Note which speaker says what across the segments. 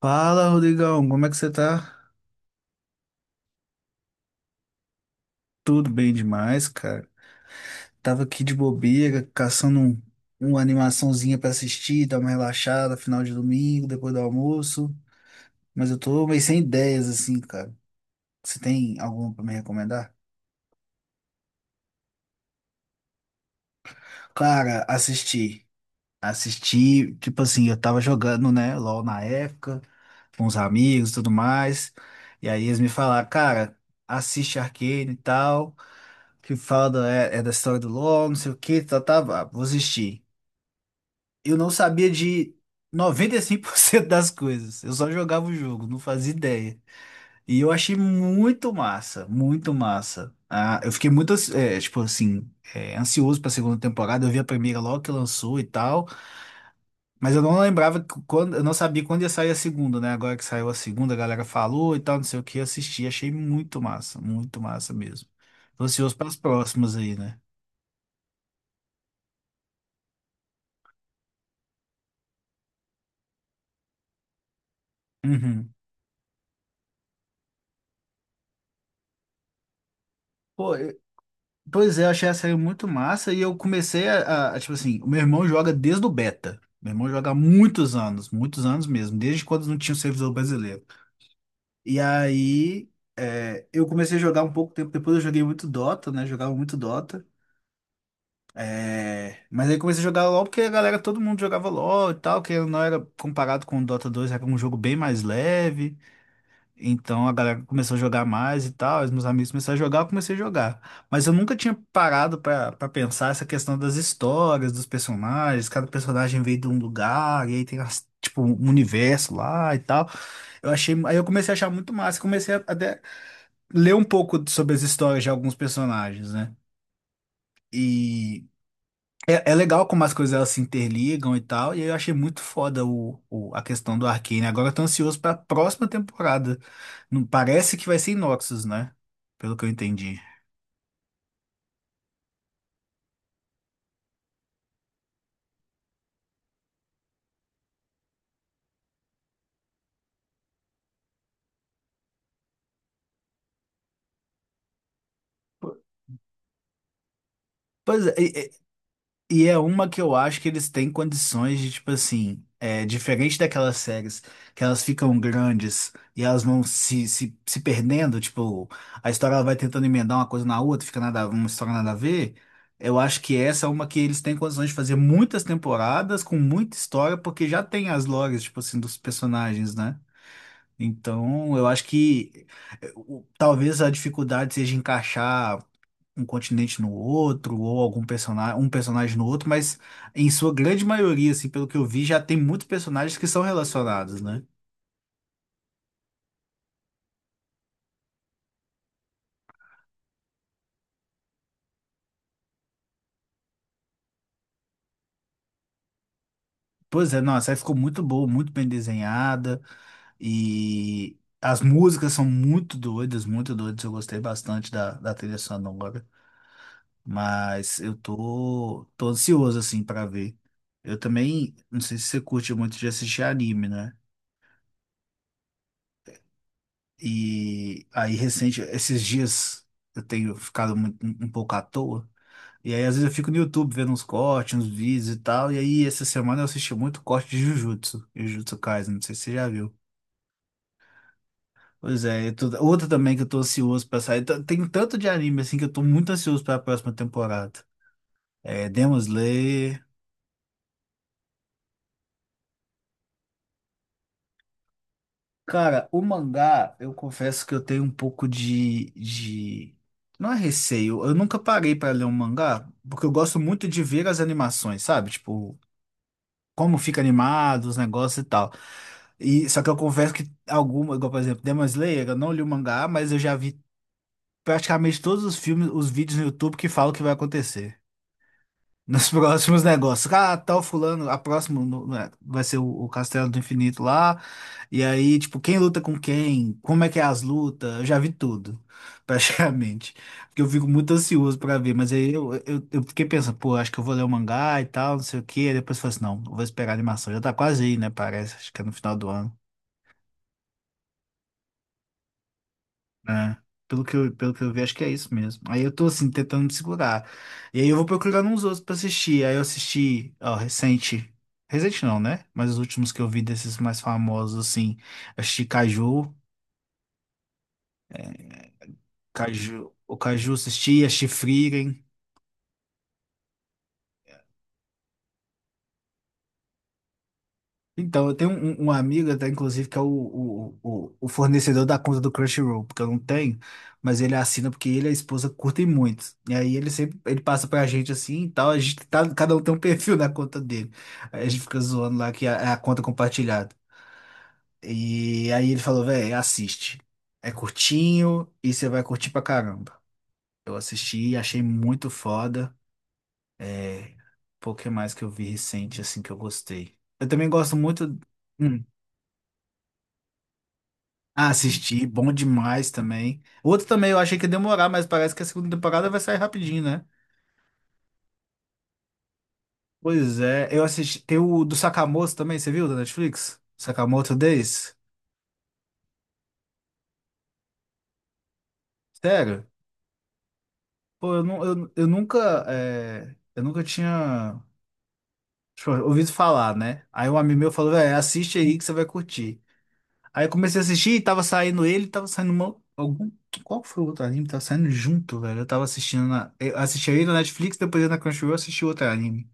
Speaker 1: Fala, Rodrigão, como é que você tá? Tudo bem demais, cara. Tava aqui de bobeira, uma animaçãozinha pra assistir, dar uma relaxada, final de domingo, depois do almoço. Mas eu tô meio sem ideias, assim, cara. Você tem alguma pra me recomendar? Cara, assisti. Assisti, tipo assim, eu tava jogando, né, LOL na época, com os amigos e tudo mais. E aí eles me falaram, cara, assiste Arcane e tal. Que fala da, é da história do LoL, não sei o que, tá, tá, vá, vou assistir. Eu não sabia de 95% das coisas. Eu só jogava o jogo, não fazia ideia. E eu achei muito massa, muito massa. Ah, eu fiquei muito, tipo assim, ansioso pra segunda temporada. Eu vi a primeira logo que lançou e tal, mas eu não lembrava que quando, eu não sabia quando ia sair a segunda, né? Agora que saiu a segunda, a galera falou e tal, não sei o que, eu assisti, achei muito massa mesmo. Tô ansioso para as próximas aí, né? Uhum. Pô, eu- pois é, eu achei a série muito massa e eu comecei a, tipo assim, o meu irmão joga desde o beta. Meu irmão joga há muitos anos mesmo, desde quando não tinha o servidor brasileiro. E aí, eu comecei a jogar um pouco tempo depois, eu joguei muito Dota, né? Jogava muito Dota. É, mas aí comecei a jogar LoL porque a galera, todo mundo jogava LoL e tal, que não era comparado com o Dota dois, era um jogo bem mais leve. Então a galera começou a jogar mais e tal, os meus amigos começaram a jogar, eu comecei a jogar. Mas eu nunca tinha parado pra pensar essa questão das histórias, dos personagens, cada personagem veio de um lugar, e aí tem tipo um universo lá e tal. Eu achei, aí eu comecei a achar muito massa, comecei a até ler um pouco sobre as histórias de alguns personagens, né? E é legal como as coisas elas se interligam e tal, e eu achei muito foda a questão do Arcane. Agora eu tô ansioso pra próxima temporada. Não parece que vai ser Noxus, né? Pelo que eu entendi. Pois é, e é uma que eu acho que eles têm condições de, tipo assim, é, diferente daquelas séries que elas ficam grandes e elas vão se perdendo, tipo, a história ela vai tentando emendar uma coisa na outra, fica nada, uma história nada a ver. Eu acho que essa é uma que eles têm condições de fazer muitas temporadas com muita história, porque já tem as lores, tipo assim, dos personagens, né? Então, eu acho que talvez a dificuldade seja encaixar um continente no outro, ou algum personagem, um personagem no outro, mas em sua grande maioria, assim, pelo que eu vi, já tem muitos personagens que são relacionados, né? Pois é, nossa, aí ficou muito boa, muito bem desenhada, e as músicas são muito doidas, muito doidas. Eu gostei bastante da trilha sonora, mas eu tô, tô ansioso, assim, pra ver. Eu também, não sei se você curte muito de assistir anime, né? E aí, recente, esses dias eu tenho ficado muito, um pouco à toa. E aí, às vezes, eu fico no YouTube vendo uns cortes, uns vídeos e tal. E aí, essa semana eu assisti muito corte de Jujutsu, Jujutsu Kaisen, não sei se você já viu. Pois é, eu tô, outra também que eu tô ansioso pra sair. Tem tanto de anime assim que eu tô muito ansioso pra próxima temporada. É Demon Slayer. Cara, o mangá, eu confesso que eu tenho um pouco de... Não é receio, eu nunca parei pra ler um mangá, porque eu gosto muito de ver as animações, sabe? Tipo, como fica animado, os negócios e tal. E, só que eu confesso que alguma, igual, por exemplo, Demon Slayer, eu não li o mangá, mas eu já vi praticamente todos os filmes, os vídeos no YouTube que falam o que vai acontecer. Nos próximos negócios. Ah, tal fulano, a próxima vai ser o Castelo do Infinito lá. E aí, tipo, quem luta com quem? Como é que é as lutas? Eu já vi tudo, praticamente. Porque eu fico muito ansioso pra ver. Mas aí eu fiquei pensando, pô, acho que eu vou ler o mangá e tal, não sei o quê. Aí depois eu falei assim, não, eu vou esperar a animação. Já tá quase aí, né? Parece, acho que é no final do ano. É, pelo que eu vi, acho que é isso mesmo. Aí eu tô assim, tentando me segurar. E aí eu vou procurando uns outros pra assistir. Aí eu assisti, ó, recente. Recente não, né? Mas os últimos que eu vi desses mais famosos, assim. Assisti Caju, Caju, o Caju assisti, assisti Frieren. Então, eu tenho um amigo, até inclusive, que é o fornecedor da conta do Crunchyroll, porque eu não tenho, mas ele assina porque ele e a esposa curtem muito. E aí ele sempre ele passa pra gente assim e tal, a gente tá, cada um tem um perfil na conta dele. Aí a gente fica zoando lá que é a conta compartilhada. E aí ele falou, velho, assiste. É curtinho e você vai curtir pra caramba. Eu assisti, e achei muito foda. É, pouco mais que eu vi recente, assim, que eu gostei. Eu também gosto muito. Hum. Ah, assisti, bom demais também. Outro também eu achei que ia demorar, mas parece que a segunda temporada vai sair rapidinho, né? Pois é, eu assisti. Tem o do Sakamoto também, você viu da Netflix? Sakamoto Days? Sério? Pô, eu, nu- eu nunca. É, Eu nunca tinha tipo, ouvido falar, né? Aí um amigo meu falou, velho, assiste aí que você vai curtir. Aí eu comecei a assistir e tava saindo ele, tava saindo uma, algum. Qual foi o outro anime? Tava saindo junto, velho. Eu tava assistindo na. Eu assisti aí na Netflix, depois na Crunchyroll eu assisti outro anime.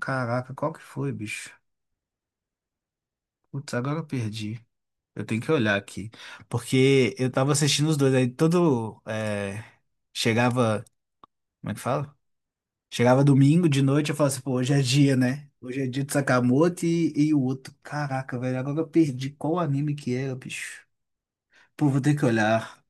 Speaker 1: Caraca, qual que foi, bicho? Putz, agora eu perdi. Eu tenho que olhar aqui. Porque eu tava assistindo os dois. Aí todo. É, chegava. Como é que fala? Chegava domingo de noite, eu falava assim, pô, hoje é dia, né? Hoje é dia de Sakamoto e o outro. Caraca, velho, agora eu perdi qual anime que era, bicho. Pô, vou ter que olhar.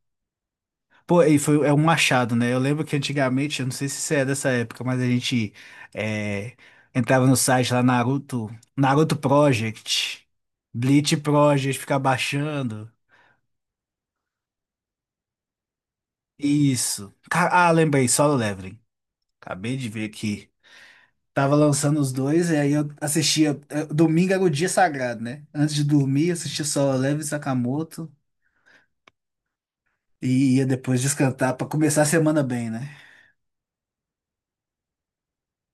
Speaker 1: Pô, e foi, é um machado, né? Eu lembro que antigamente, eu não sei se você é dessa época, mas a gente é, entrava no site lá, Naruto, Naruto Project, Bleach Project, ficar baixando. Isso. Ah, lembrei, Solo Leveling. Acabei de ver que tava lançando os dois, e aí eu assistia. Domingo era o dia sagrado, né? Antes de dormir, assistia Solo Leveling, Sakamoto, e ia depois descantar pra começar a semana bem, né?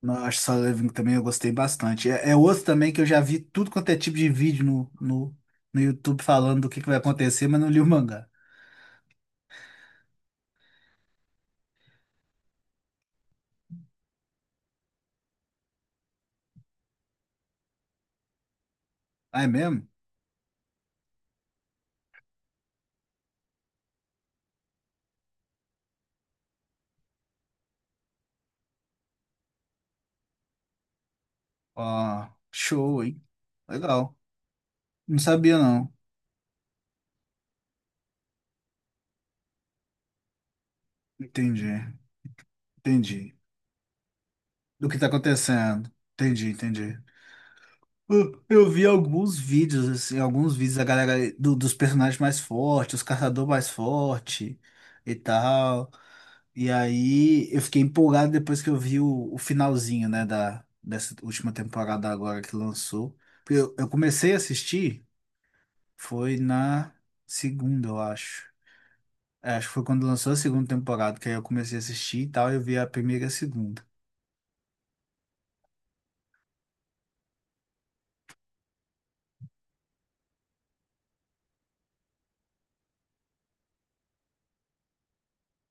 Speaker 1: Nossa, Living também eu gostei bastante. É, é outro também que eu já vi tudo quanto é tipo de vídeo no YouTube falando do que vai acontecer, mas não li o mangá. Ah, é mesmo? Ó, show, hein? Legal. Não sabia, não. Entendi, entendi. Do que tá acontecendo. Entendi, entendi. Eu vi alguns vídeos, assim, alguns vídeos da galera dos personagens mais fortes, os caçadores mais fortes e tal. E aí eu fiquei empolgado depois que eu vi o finalzinho, né, dessa última temporada agora que lançou. Porque eu comecei a assistir, foi na segunda, eu acho. É, acho que foi quando lançou a segunda temporada, que aí eu comecei a assistir e tal, eu vi a primeira e a segunda.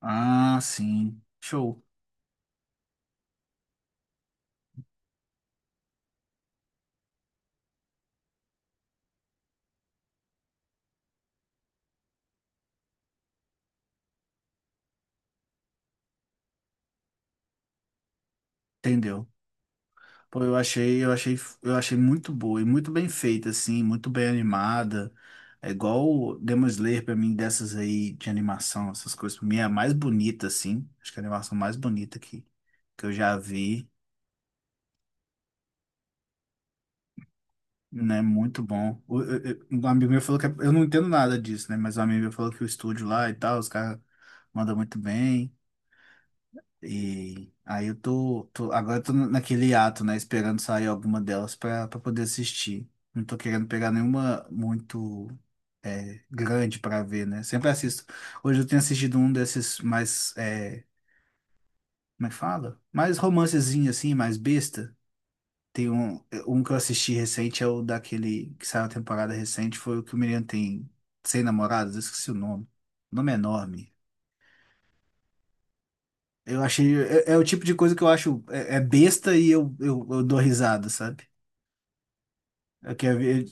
Speaker 1: Ah, sim. Show. Entendeu? Pô, eu achei, eu achei, eu achei muito boa e muito bem feita, assim, muito bem animada. É igual o Demon Slayer pra mim, dessas aí de animação, essas coisas, pra mim é a mais bonita, assim. Acho que é a animação mais bonita que eu já vi, né? Muito bom. Um amigo meu falou eu não entendo nada disso, né? Mas um amigo meu falou que o estúdio lá e tal, os caras mandam muito bem. E aí eu tô, agora eu tô naquele ato, né, esperando sair alguma delas pra poder assistir. Não tô querendo pegar nenhuma muito grande pra ver, né? Sempre assisto. Hoje eu tenho assistido um desses mais, como é que fala? Mais romancezinho assim, mais besta. Tem um, um que eu assisti recente, é o daquele que saiu a temporada recente, foi o que o menino tem 100 namoradas, eu esqueci o nome. O nome é enorme. Eu achei. É, é o tipo de coisa que eu acho. É, é besta e eu dou risada, sabe? Eu quero ver.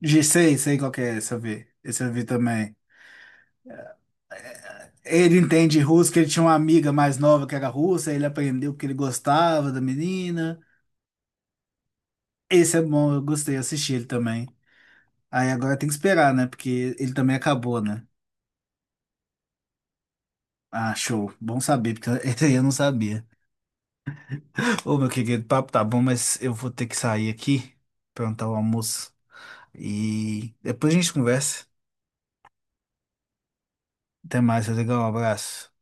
Speaker 1: Sei, sei qual que é, esse eu vi. Esse eu vi também. Ele entende russo, que ele tinha uma amiga mais nova que era russa, aí ele aprendeu que ele gostava da menina. Esse é bom, eu gostei, eu assisti ele também. Aí agora tem que esperar, né? Porque ele também acabou, né? Ah, show. Bom saber, porque esse aí eu não sabia. Ô, meu querido, o papo tá bom, mas eu vou ter que sair aqui, perguntar o almoço. E depois a gente conversa. Até mais, Rodrigão. Um abraço.